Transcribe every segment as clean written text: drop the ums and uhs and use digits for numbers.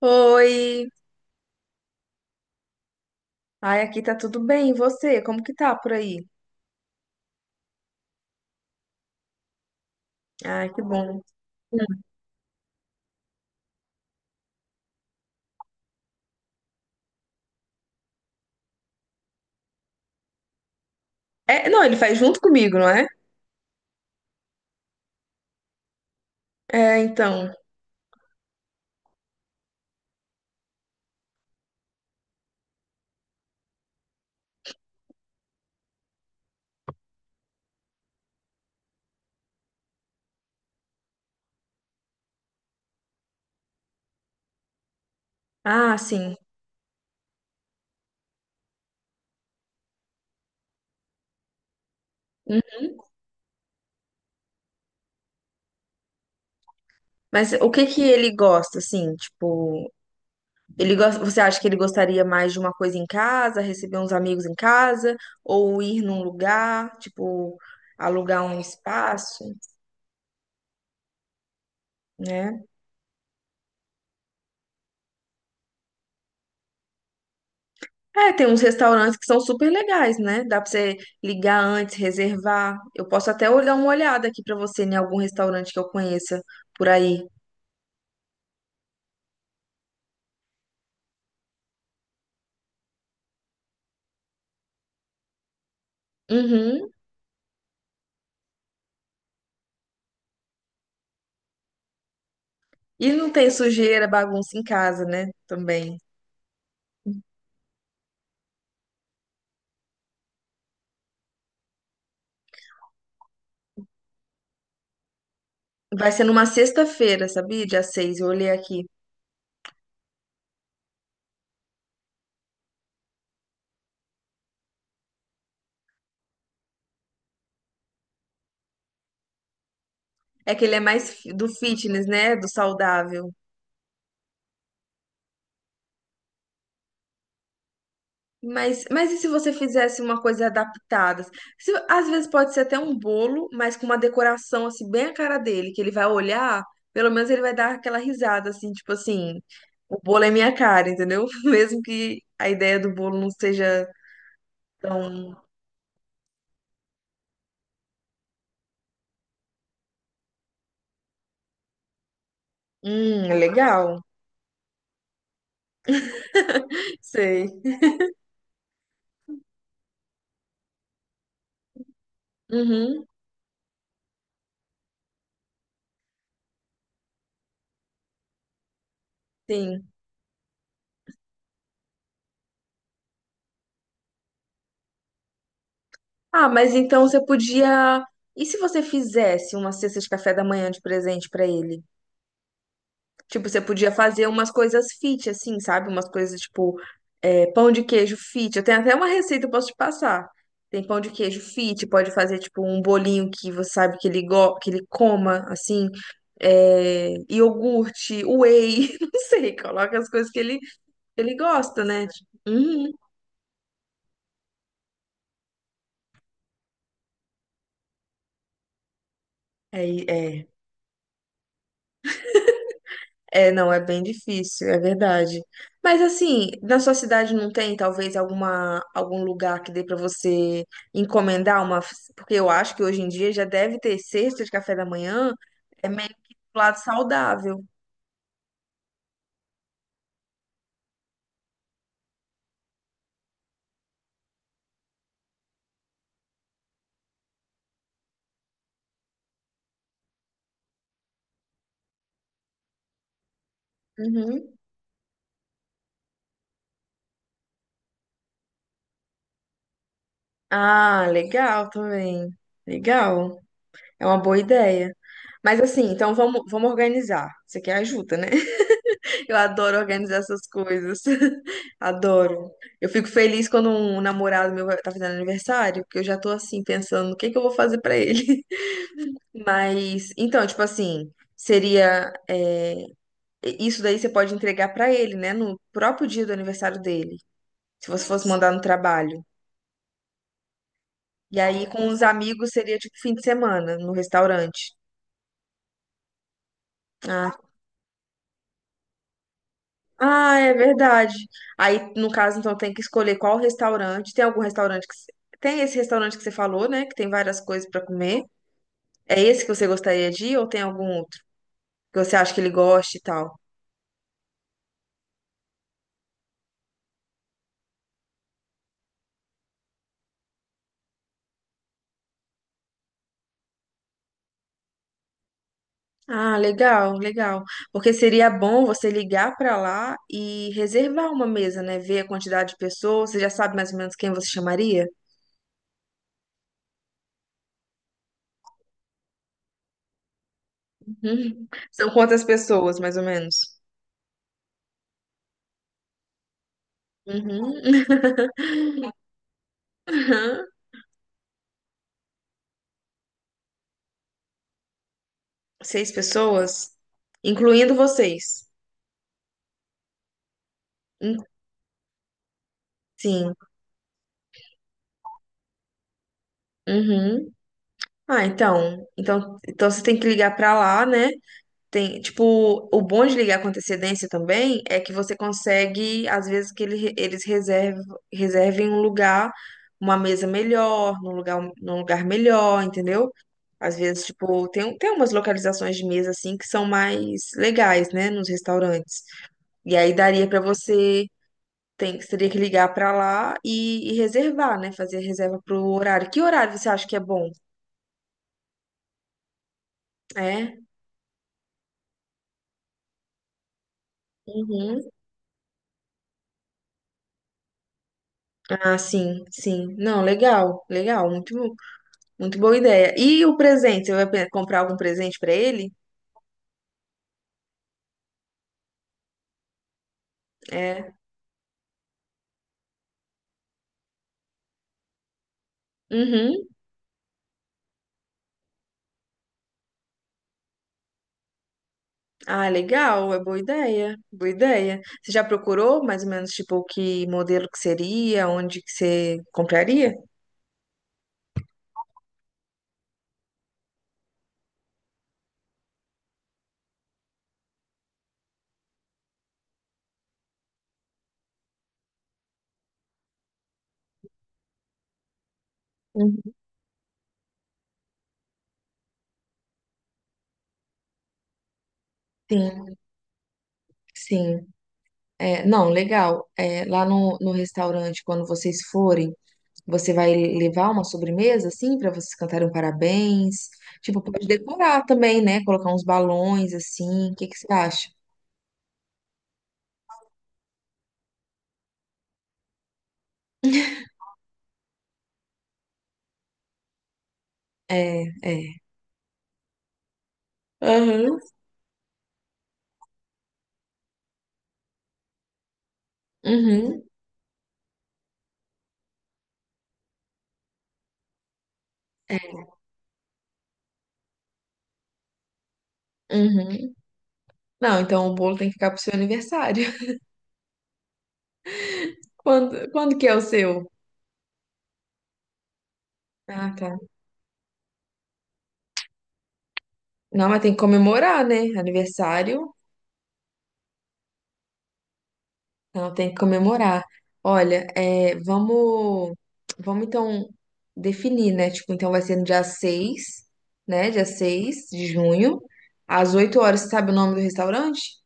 Oi! Ai, aqui tá tudo bem. E você? Como que tá por aí? Ai, que bom. Hum. É, não, ele faz junto comigo, não é? É, então. Ah, sim. Hum. Mas o que que ele gosta, assim? Tipo, ele gosta, você acha que ele gostaria mais de uma coisa em casa, receber uns amigos em casa, ou ir num lugar, tipo, alugar um espaço, né? É, tem uns restaurantes que são super legais, né? Dá pra você ligar antes, reservar. Eu posso até dar uma olhada aqui pra você em algum restaurante que eu conheça por aí. Uhum. E não tem sujeira, bagunça em casa, né? Também. Vai ser numa sexta-feira, sabia? Dia 6. Eu olhei aqui. É que ele é mais do fitness, né? Do saudável. Mas e se você fizesse uma coisa adaptada? Às vezes pode ser até um bolo, mas com uma decoração assim bem a cara dele, que ele vai olhar, pelo menos ele vai dar aquela risada assim, tipo assim, o bolo é minha cara, entendeu? Mesmo que a ideia do bolo não seja tão, é legal. Sei. Uhum, sim. Ah, mas então você podia. E se você fizesse uma cesta de café da manhã de presente pra ele? Tipo, você podia fazer umas coisas fit, assim, sabe? Umas coisas tipo é, pão de queijo fit. Eu tenho até uma receita, eu posso te passar. Tem pão de queijo fit, pode fazer tipo um bolinho que você sabe que ele, go que ele coma, assim. É, iogurte, whey, não sei, coloca as coisas que ele gosta, né? Uhum. É, é. É, não, é bem difícil, é verdade. Mas assim, na sua cidade não tem talvez algum lugar que dê para você encomendar uma, porque eu acho que hoje em dia já deve ter cesta de café da manhã, é meio que do lado saudável. Uhum. Ah, legal também. Legal. É uma boa ideia. Mas assim, então vamos organizar. Você quer ajuda, né? Eu adoro organizar essas coisas. Adoro. Eu fico feliz quando um namorado meu tá fazendo aniversário, porque eu já tô assim pensando o que que eu vou fazer pra ele. Mas, então, tipo assim, seria é, isso daí você pode entregar pra ele, né, no próprio dia do aniversário dele, se você fosse mandar no trabalho. E aí com os amigos seria tipo fim de semana no restaurante. Ah, Ah, é verdade. Aí, no caso, então, tem que escolher qual restaurante. Tem algum restaurante que... Tem esse restaurante que você falou, né? Que tem várias coisas pra comer. É esse que você gostaria de ir ou tem algum outro que você acha que ele goste e tal? Ah, legal, legal. Porque seria bom você ligar pra lá e reservar uma mesa, né? Ver a quantidade de pessoas. Você já sabe mais ou menos quem você chamaria? Uhum. São quantas pessoas, mais ou menos? Uhum. 6 pessoas, incluindo vocês. Sim. Uhum. Ah, então você tem que ligar pra lá, né? Tem, tipo, o bom de ligar com antecedência também é que você consegue, às vezes, que eles reservem um lugar, uma mesa melhor, num lugar melhor, entendeu? Às vezes, tipo, tem, tem umas localizações de mesa assim que são mais legais, né, nos restaurantes. E aí daria pra você, tem, você teria que ligar pra lá e reservar, né, fazer reserva pro horário. Que horário você acha que é bom? É? Uhum. Ah, sim, sim. Não, legal, legal, muito, muito boa ideia. E o presente? Você vai comprar algum presente pra ele? É. Uhum. Ah, legal, é boa ideia, boa ideia. Você já procurou mais ou menos tipo que modelo que seria, onde que você compraria? Uhum. Sim, sim. É, não, legal. É, lá no restaurante, quando vocês forem, você vai levar uma sobremesa, assim, para vocês cantarem um parabéns? Tipo, pode decorar também, né? Colocar uns balões, assim. O que que você acha? É, é. Aham. Uhum. É. Uhum. Não, então o bolo tem que ficar pro seu aniversário. Quando que é o seu? Ah, tá. Não, mas tem que comemorar, né? Aniversário. Ela tem que comemorar. Olha, é, vamos, vamos então definir, né? Tipo, então vai ser no dia 6, né? Dia 6 de junho, às 8 horas. Você sabe o nome do restaurante?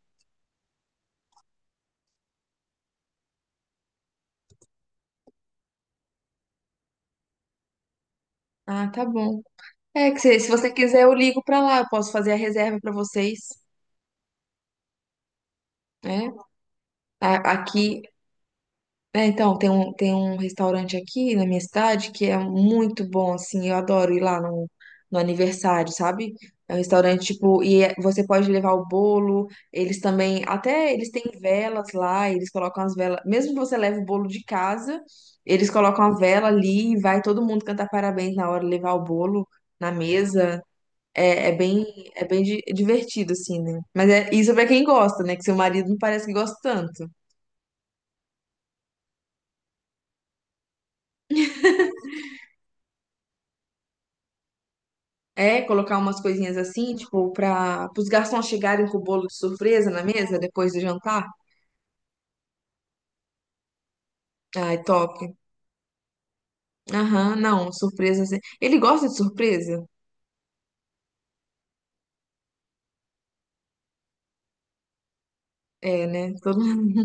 Ah, tá bom. É que se você quiser, eu ligo pra lá. Eu posso fazer a reserva pra vocês, né? Aqui, é, então, tem um restaurante aqui na minha cidade que é muito bom, assim, eu adoro ir lá no aniversário, sabe? É um restaurante, tipo, você pode levar o bolo, eles também, até eles têm velas lá, eles colocam as velas, mesmo que você leve o bolo de casa, eles colocam a vela ali e vai todo mundo cantar parabéns na hora, levar o bolo na mesa, é, é bem, é divertido, assim, né? Mas é isso é pra quem gosta, né? Que seu marido não parece que gosta tanto. É, colocar umas coisinhas assim, tipo, para os garçons chegarem com o bolo de surpresa na mesa depois do jantar. Ai, top. Aham, não, surpresa. Assim. Ele gosta de surpresa? É, né? Todo mundo.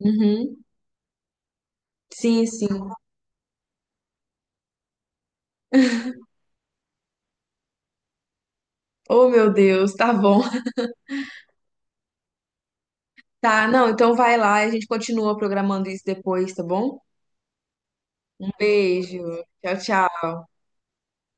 Uhum. Sim, sim. Oh, meu Deus, tá bom. Tá, não, então vai lá, a gente continua programando isso depois, tá bom? Um beijo. Tchau, tchau.